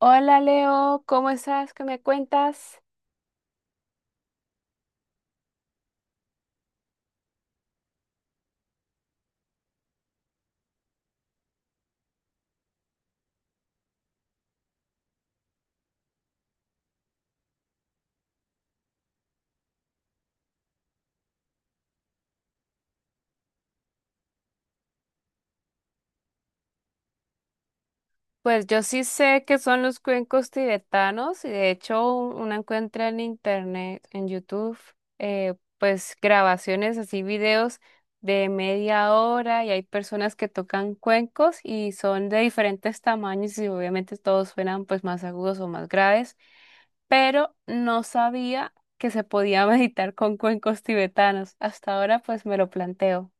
Hola Leo, ¿cómo estás? ¿Qué me cuentas? Pues yo sí sé que son los cuencos tibetanos y de hecho uno encuentra en internet, en YouTube, pues grabaciones así, videos de media hora y hay personas que tocan cuencos y son de diferentes tamaños y obviamente todos suenan pues más agudos o más graves, pero no sabía que se podía meditar con cuencos tibetanos. Hasta ahora pues me lo planteo.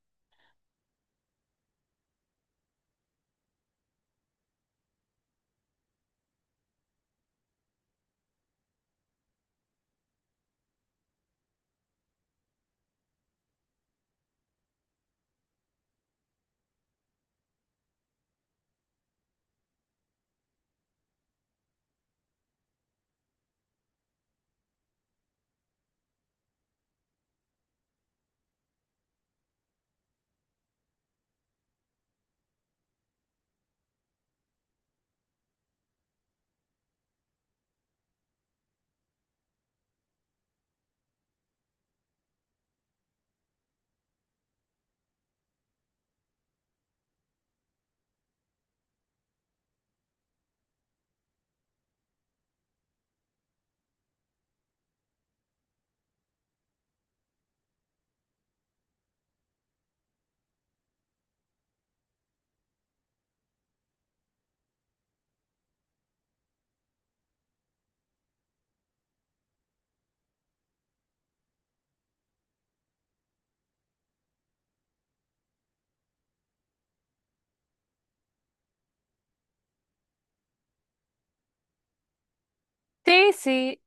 Sí, sí.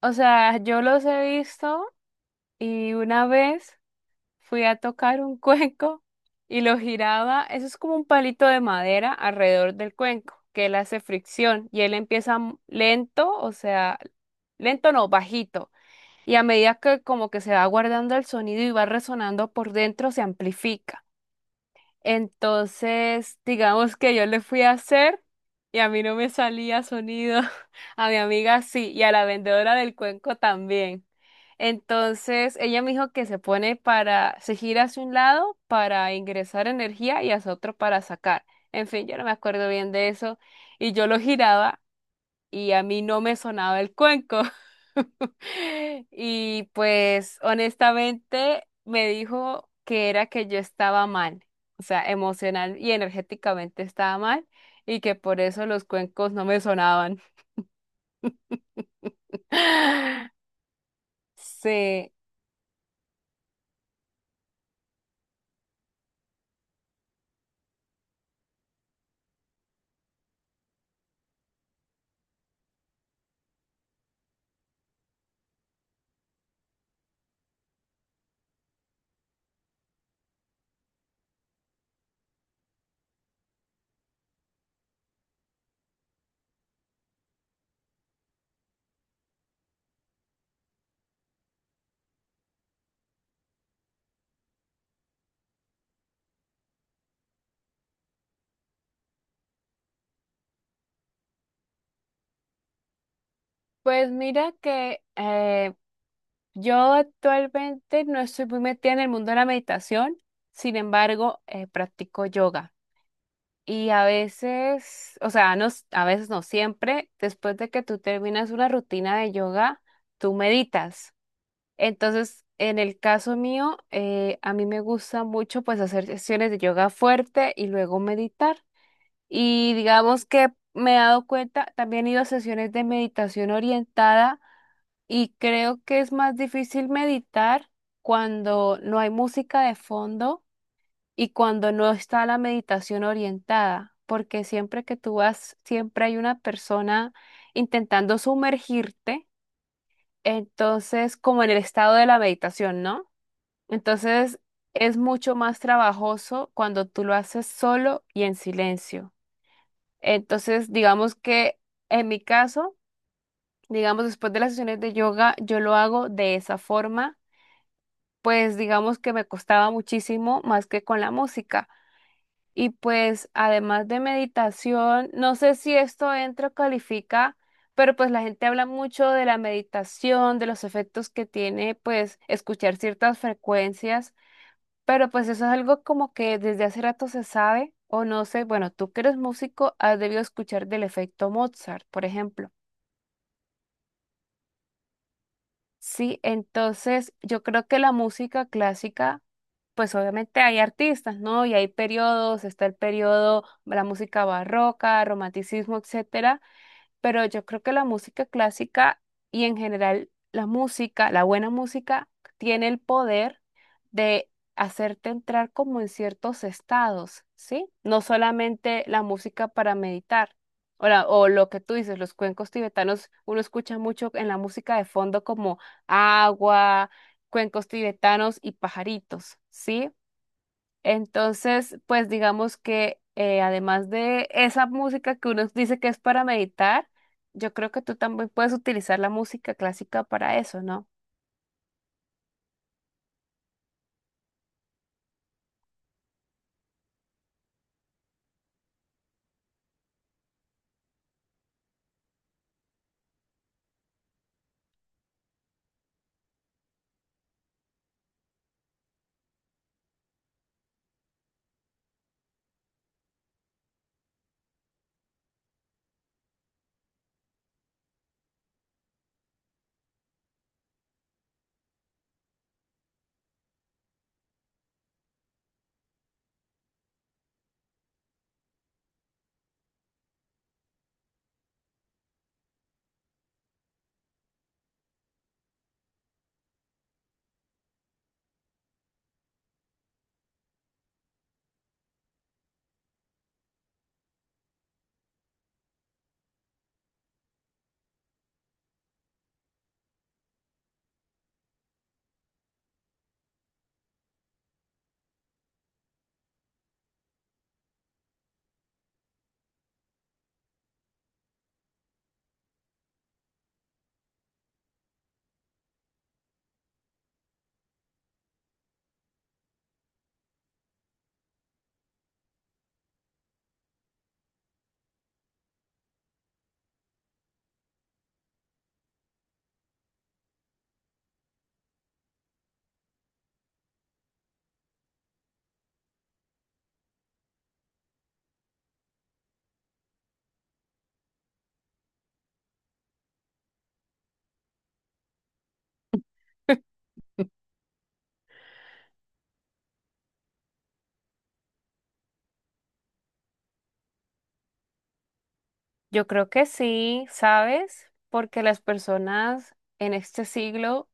O sea, yo los he visto y una vez fui a tocar un cuenco y lo giraba, eso es como un palito de madera alrededor del cuenco, que él hace fricción y él empieza lento, o sea, lento no, bajito. Y a medida que como que se va guardando el sonido y va resonando por dentro, se amplifica. Entonces, digamos que yo le fui a hacer y a mí no me salía sonido, a mi amiga sí, y a la vendedora del cuenco también. Entonces, ella me dijo que se pone para, se gira hacia un lado para ingresar energía y hacia otro para sacar. En fin, yo no me acuerdo bien de eso. Y yo lo giraba y a mí no me sonaba el cuenco. Y pues honestamente me dijo que era que yo estaba mal, o sea, emocional y energéticamente estaba mal y que por eso los cuencos no me sonaban. Sí, pues mira que yo actualmente no estoy muy metida en el mundo de la meditación. Sin embargo, practico yoga. Y a veces, o sea, no, a veces no siempre, después de que tú terminas una rutina de yoga, tú meditas. Entonces, en el caso mío, a mí me gusta mucho pues hacer sesiones de yoga fuerte y luego meditar. Y digamos que me he dado cuenta, también he ido a sesiones de meditación orientada y creo que es más difícil meditar cuando no hay música de fondo y cuando no está la meditación orientada, porque siempre que tú vas, siempre hay una persona intentando sumergirte, entonces como en el estado de la meditación, ¿no? Entonces es mucho más trabajoso cuando tú lo haces solo y en silencio. Entonces, digamos que en mi caso, digamos después de las sesiones de yoga, yo lo hago de esa forma, pues digamos que me costaba muchísimo más que con la música. Y pues además de meditación, no sé si esto entra o califica, pero pues la gente habla mucho de la meditación, de los efectos que tiene pues escuchar ciertas frecuencias, pero pues eso es algo como que desde hace rato se sabe, o no sé, bueno, tú que eres músico, has debido escuchar del efecto Mozart, por ejemplo. Sí, entonces yo creo que la música clásica, pues obviamente hay artistas, ¿no? Y hay periodos, está el periodo, la música barroca, romanticismo, etcétera, pero yo creo que la música clásica y en general la música, la buena música, tiene el poder de hacerte entrar como en ciertos estados, ¿sí? No solamente la música para meditar. O, o lo que tú dices, los cuencos tibetanos, uno escucha mucho en la música de fondo como agua, cuencos tibetanos y pajaritos, ¿sí? Entonces, pues digamos que además de esa música que uno dice que es para meditar, yo creo que tú también puedes utilizar la música clásica para eso, ¿no? Yo creo que sí, ¿sabes? Porque las personas en este siglo,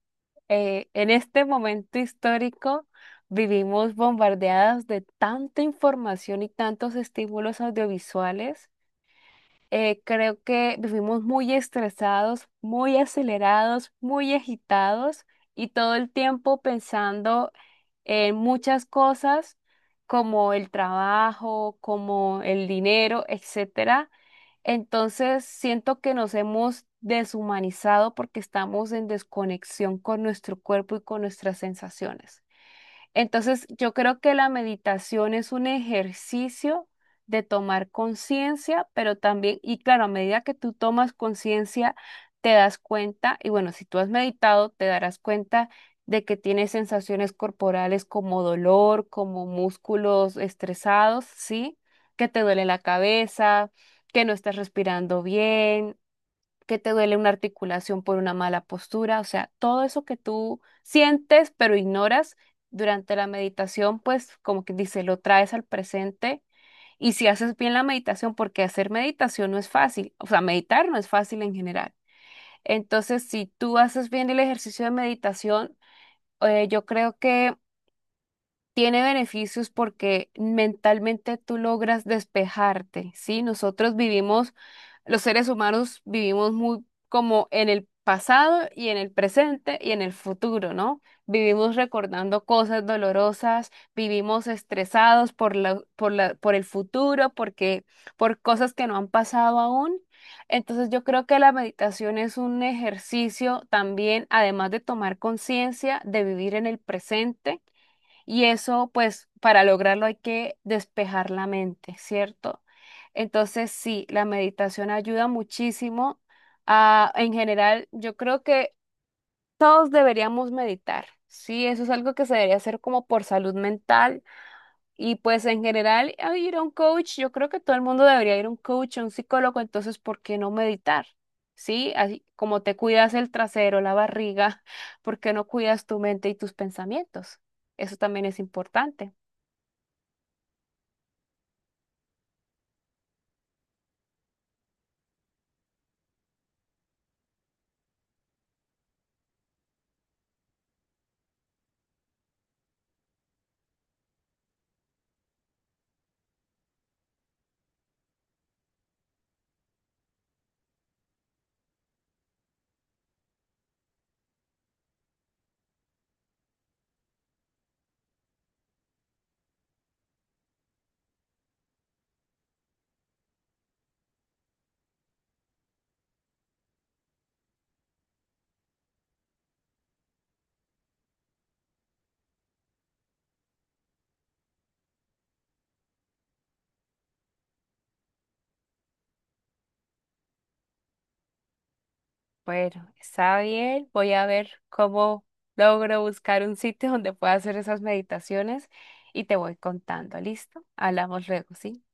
en este momento histórico, vivimos bombardeadas de tanta información y tantos estímulos audiovisuales. Creo que vivimos muy estresados, muy acelerados, muy agitados y todo el tiempo pensando en muchas cosas como el trabajo, como el dinero, etcétera. Entonces siento que nos hemos deshumanizado porque estamos en desconexión con nuestro cuerpo y con nuestras sensaciones. Entonces, yo creo que la meditación es un ejercicio de tomar conciencia, pero también, y claro, a medida que tú tomas conciencia, te das cuenta, y bueno, si tú has meditado, te darás cuenta de que tienes sensaciones corporales como dolor, como músculos estresados, ¿sí? Que te duele la cabeza, que no estás respirando bien, que te duele una articulación por una mala postura, o sea, todo eso que tú sientes pero ignoras durante la meditación, pues como que dice, lo traes al presente y si haces bien la meditación, porque hacer meditación no es fácil, o sea, meditar no es fácil en general. Entonces, si tú haces bien el ejercicio de meditación, yo creo que tiene beneficios porque mentalmente tú logras despejarte, ¿sí? Nosotros vivimos, los seres humanos vivimos muy como en el pasado y en el presente y en el futuro, ¿no? Vivimos recordando cosas dolorosas, vivimos estresados por por el futuro, porque, por cosas que no han pasado aún. Entonces yo creo que la meditación es un ejercicio también, además de tomar conciencia, de vivir en el presente y eso, pues, para lograrlo hay que despejar la mente, ¿cierto? Entonces, sí, la meditación ayuda muchísimo a, en general, yo creo que todos deberíamos meditar, ¿sí? Eso es algo que se debería hacer como por salud mental y pues en general a ir a un coach, yo creo que todo el mundo debería ir a un coach, a un psicólogo, entonces, ¿por qué no meditar? Sí, así como te cuidas el trasero, la barriga, ¿por qué no cuidas tu mente y tus pensamientos? Eso también es importante. Bueno, está bien. Voy a ver cómo logro buscar un sitio donde pueda hacer esas meditaciones y te voy contando. ¿Listo? Hablamos luego, ¿sí?